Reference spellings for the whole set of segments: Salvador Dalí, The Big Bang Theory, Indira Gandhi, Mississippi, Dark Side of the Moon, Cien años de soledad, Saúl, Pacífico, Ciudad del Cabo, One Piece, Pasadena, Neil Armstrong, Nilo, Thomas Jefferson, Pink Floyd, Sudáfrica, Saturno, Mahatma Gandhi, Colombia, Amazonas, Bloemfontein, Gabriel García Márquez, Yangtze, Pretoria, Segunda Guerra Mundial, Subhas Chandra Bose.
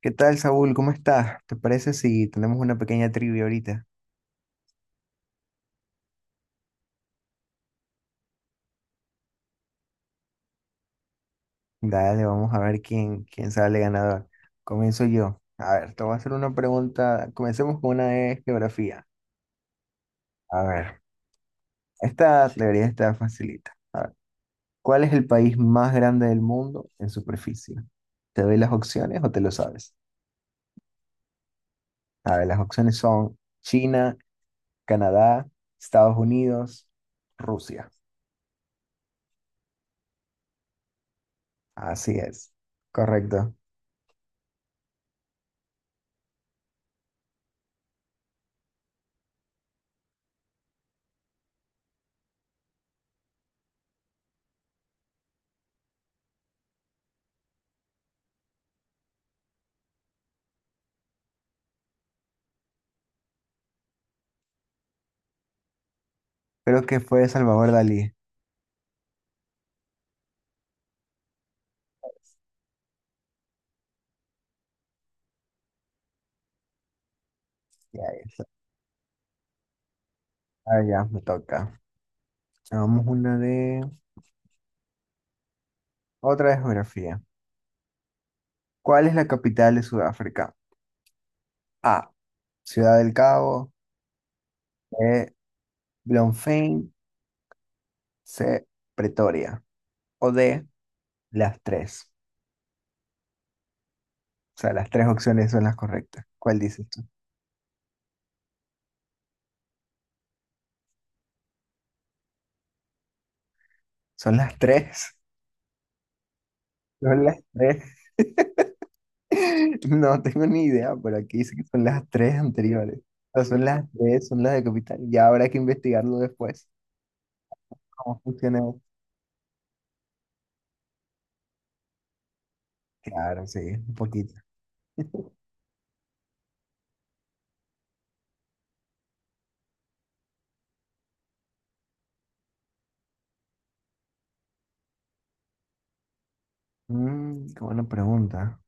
¿Qué tal, Saúl? ¿Cómo estás? ¿Te parece si tenemos una pequeña trivia ahorita? Dale, vamos a ver quién sale ganador. Comienzo yo. A ver, te voy a hacer una pregunta. Comencemos con una de geografía. A ver, esta teoría está facilita. A ver, ¿cuál es el país más grande del mundo en superficie? ¿Te doy las opciones o te lo sabes? A ver, las opciones son China, Canadá, Estados Unidos, Rusia. Así es, correcto. Creo que fue Salvador Dalí. Ah, ya, me toca. Hagamos una de otra de geografía. ¿Cuál es la capital de Sudáfrica? A, Ciudad del Cabo. B, Bloemfontein. C, Pretoria. O D, las tres. O sea, las tres opciones son las correctas. ¿Cuál dices tú? ¿Son las tres? ¿Son las tres? No tengo ni idea, pero aquí dice que son las tres anteriores. O sea, son las tres, son las de capital. Ya habrá que investigarlo después. ¿Cómo funciona eso? Claro, sí, un poquito. Mm, qué buena pregunta.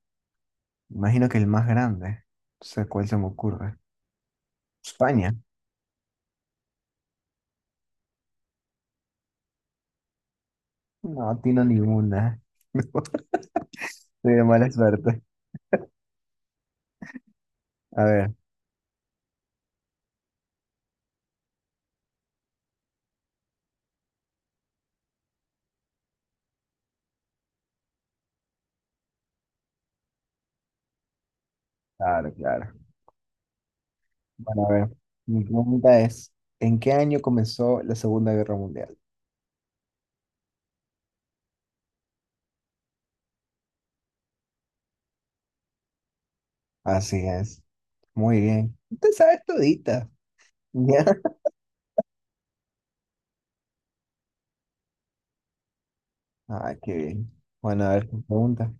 Imagino que el más grande. No sé cuál se me ocurre. España. No, atino ninguna. Soy de mala suerte. A ver, claro, claro. Bueno, a ver. Mi pregunta es, ¿en qué año comenzó la Segunda Guerra Mundial? Así es. Muy bien. Usted sabe todita. ¿Ya? Ah, qué bien. Bueno, a ver, tu pregunta.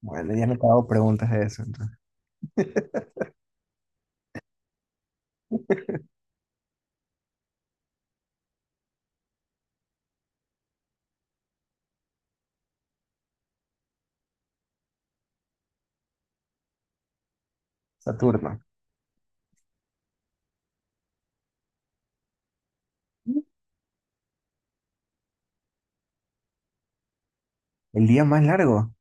Bueno, ya no te hago preguntas de eso, entonces. Saturno. El día más largo,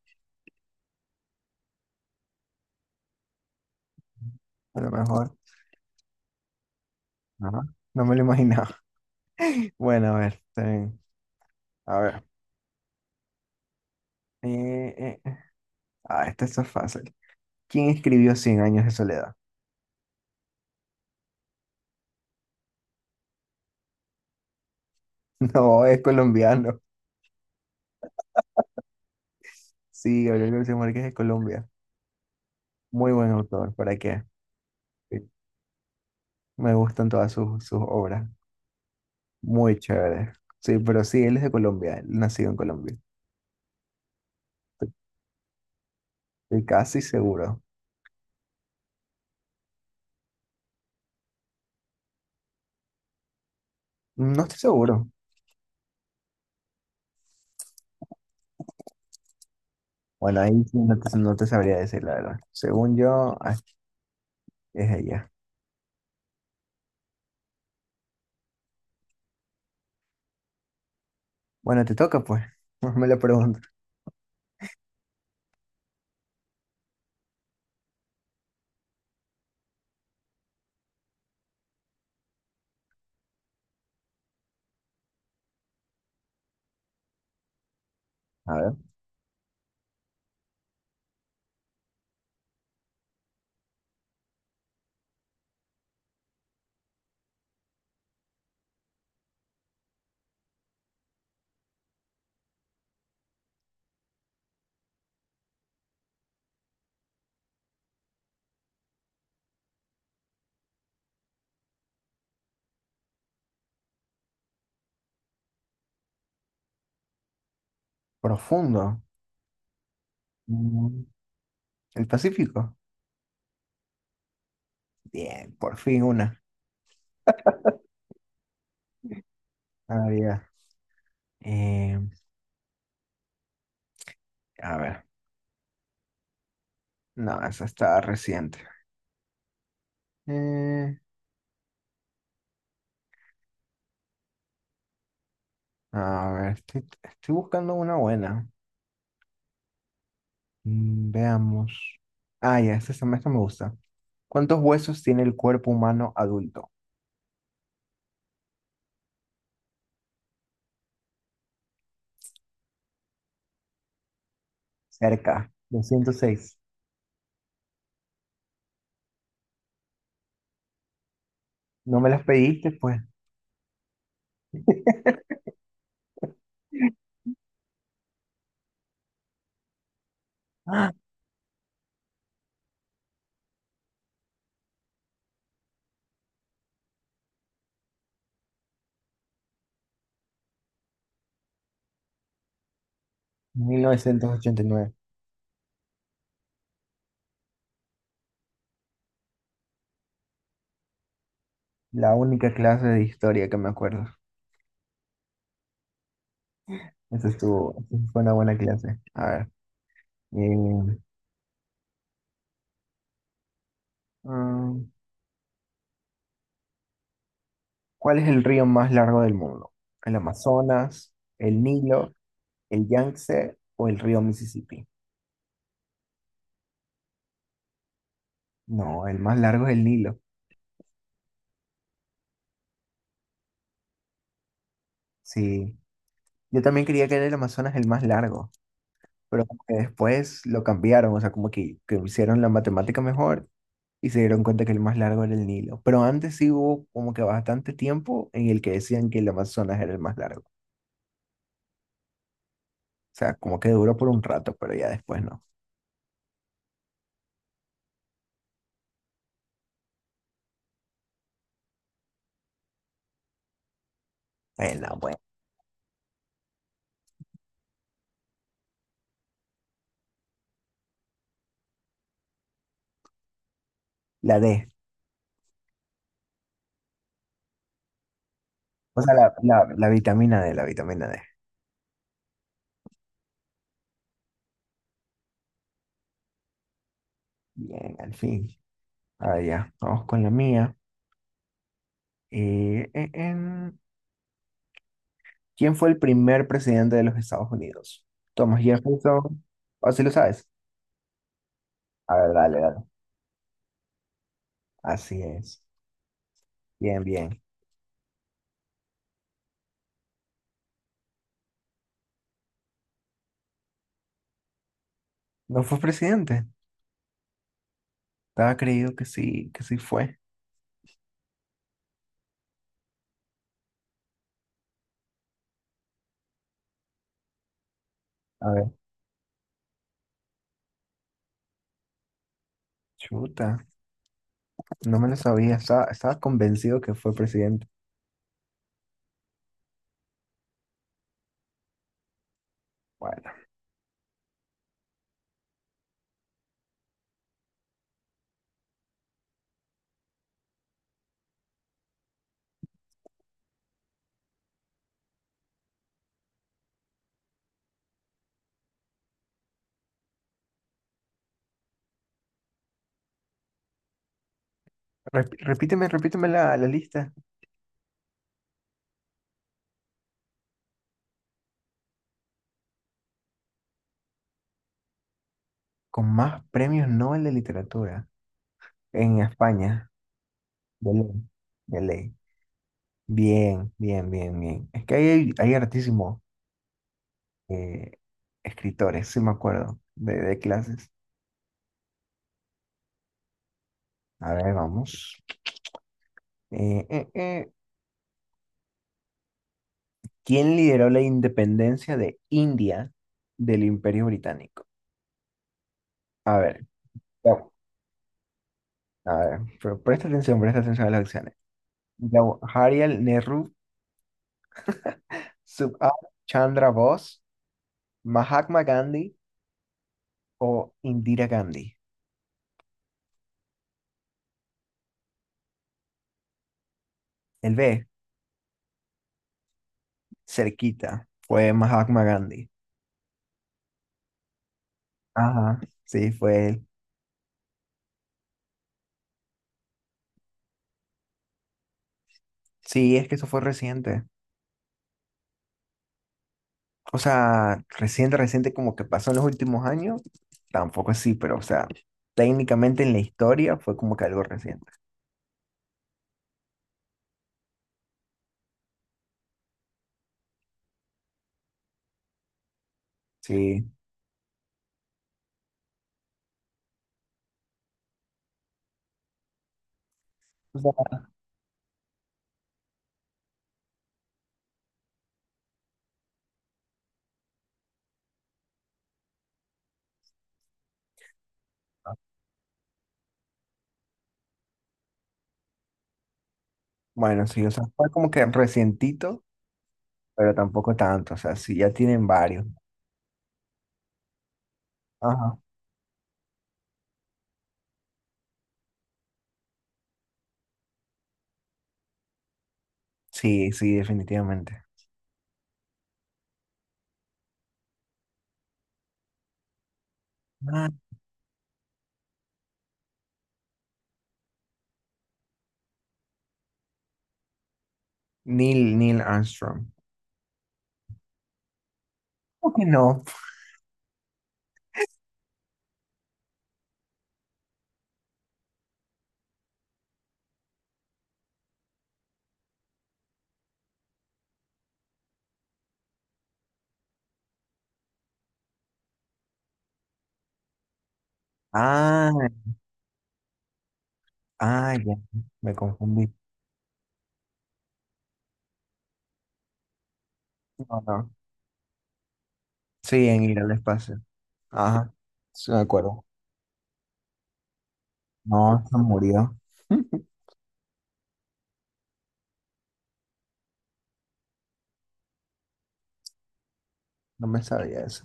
a lo mejor. Ajá. No me lo imaginaba. Bueno, a ver, está bien. A ver. Eh, eh, eh. Ah, esta es fácil. ¿Quién escribió Cien años de soledad? No, es colombiano. Sí, Gabriel García Márquez es de Colombia. Muy buen autor, ¿para qué? Sí, me gustan todas sus obras. Muy chévere. Sí, pero sí, él es de Colombia, él nacido en Colombia. Estoy estoy casi seguro. No estoy seguro. Bueno, ahí sí no te sabría decir la verdad. Según yo, ah, es ella. Bueno, te toca, pues. Me lo pregunto. A ver, profundo. Mm. El Pacífico. Bien, por fin una. Había. Eh, a ver. No, esa está reciente. Eh, a ver, estoy buscando una buena. Mm, veamos. Ah, ya, esta me gusta. ¿Cuántos huesos tiene el cuerpo humano adulto? Cerca, 206. No me las pediste, pues. ¡Ah! 1989. La única clase de historia que me acuerdo. Esa estuvo, esa fue una buena clase. A ver. eh, mm, ¿Cuál es el río más largo del mundo? ¿El Amazonas, el Nilo, el Yangtze o el río Mississippi? No, el más largo es el Nilo. Sí, yo también creía que era el Amazonas el más largo, pero como que después lo cambiaron, o sea, como que hicieron la matemática mejor y se dieron cuenta que el más largo era el Nilo. Pero antes sí hubo como que bastante tiempo en el que decían que el Amazonas era el más largo. O sea, como que duró por un rato, pero ya después no. No, bueno, la D. O sea, la vitamina D, la vitamina D. Bien, al fin. Ah, ya, vamos con la mía. Eh, eh, em, ¿Quién fue el primer presidente de los Estados Unidos? Thomas Jefferson. ¿O si lo sabes? A ver, dale. Así es. Bien, bien. ¿No fue presidente? Estaba creído que sí fue. A ver, chuta. No me lo sabía. Estaba convencido que fue presidente. Bueno, repíteme la lista. Con más premios Nobel de literatura en España. De ley. De ley. Bien. Es que hay hartísimos eh, escritores, sí me acuerdo, de clases. A ver, vamos. Eh, eh, eh. ¿Quién lideró la independencia de India del Imperio Británico? A ver, ya- pero presta atención a las opciones. Jawaharlal Nehru, Subhas Chandra Bose, Mahatma Gandhi o Indira Gandhi. El B, cerquita, fue Mahatma Gandhi. Ajá, sí, fue él. Sí, es que eso fue reciente. O sea, reciente como que pasó en los últimos años. Tampoco así, pero o sea, técnicamente en la historia fue como que algo reciente. Sí. O sea, bueno, sí, o sea, fue como que recientito, pero tampoco tanto. O sea, sí, ya tienen varios. Ajá. Sí, definitivamente. Ah, Neil Armstrong. ¿Cómo que no? Ah, ya, me confundí. No, no. Sí, en ir al espacio. Ajá, sí, me acuerdo. No, se murió. No me sabía eso.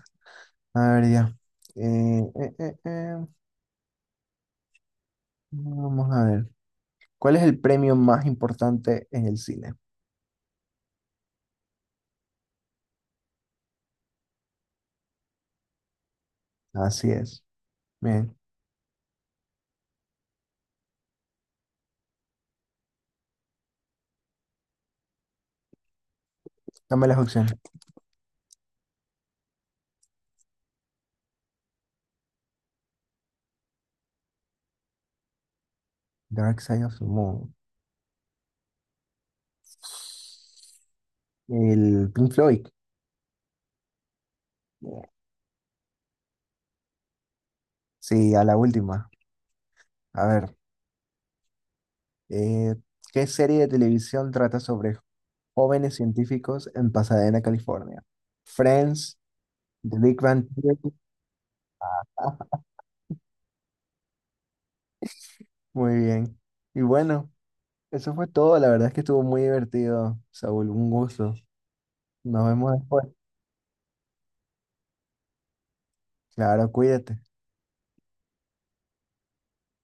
A ver, ya. Eh, eh, eh, eh. Vamos a ver. ¿Cuál es el premio más importante en el cine? Así es. Bien, dame las opciones. Dark Side of the Moon. El Pink Floyd. Sí, a la última. A ver. eh, ¿Qué serie de televisión trata sobre jóvenes científicos en Pasadena, California? Friends, The Big Bang Theory. Muy bien. Y bueno. Eso fue todo, la verdad es que estuvo muy divertido, Saúl, un gusto. Nos vemos después. Claro, cuídate.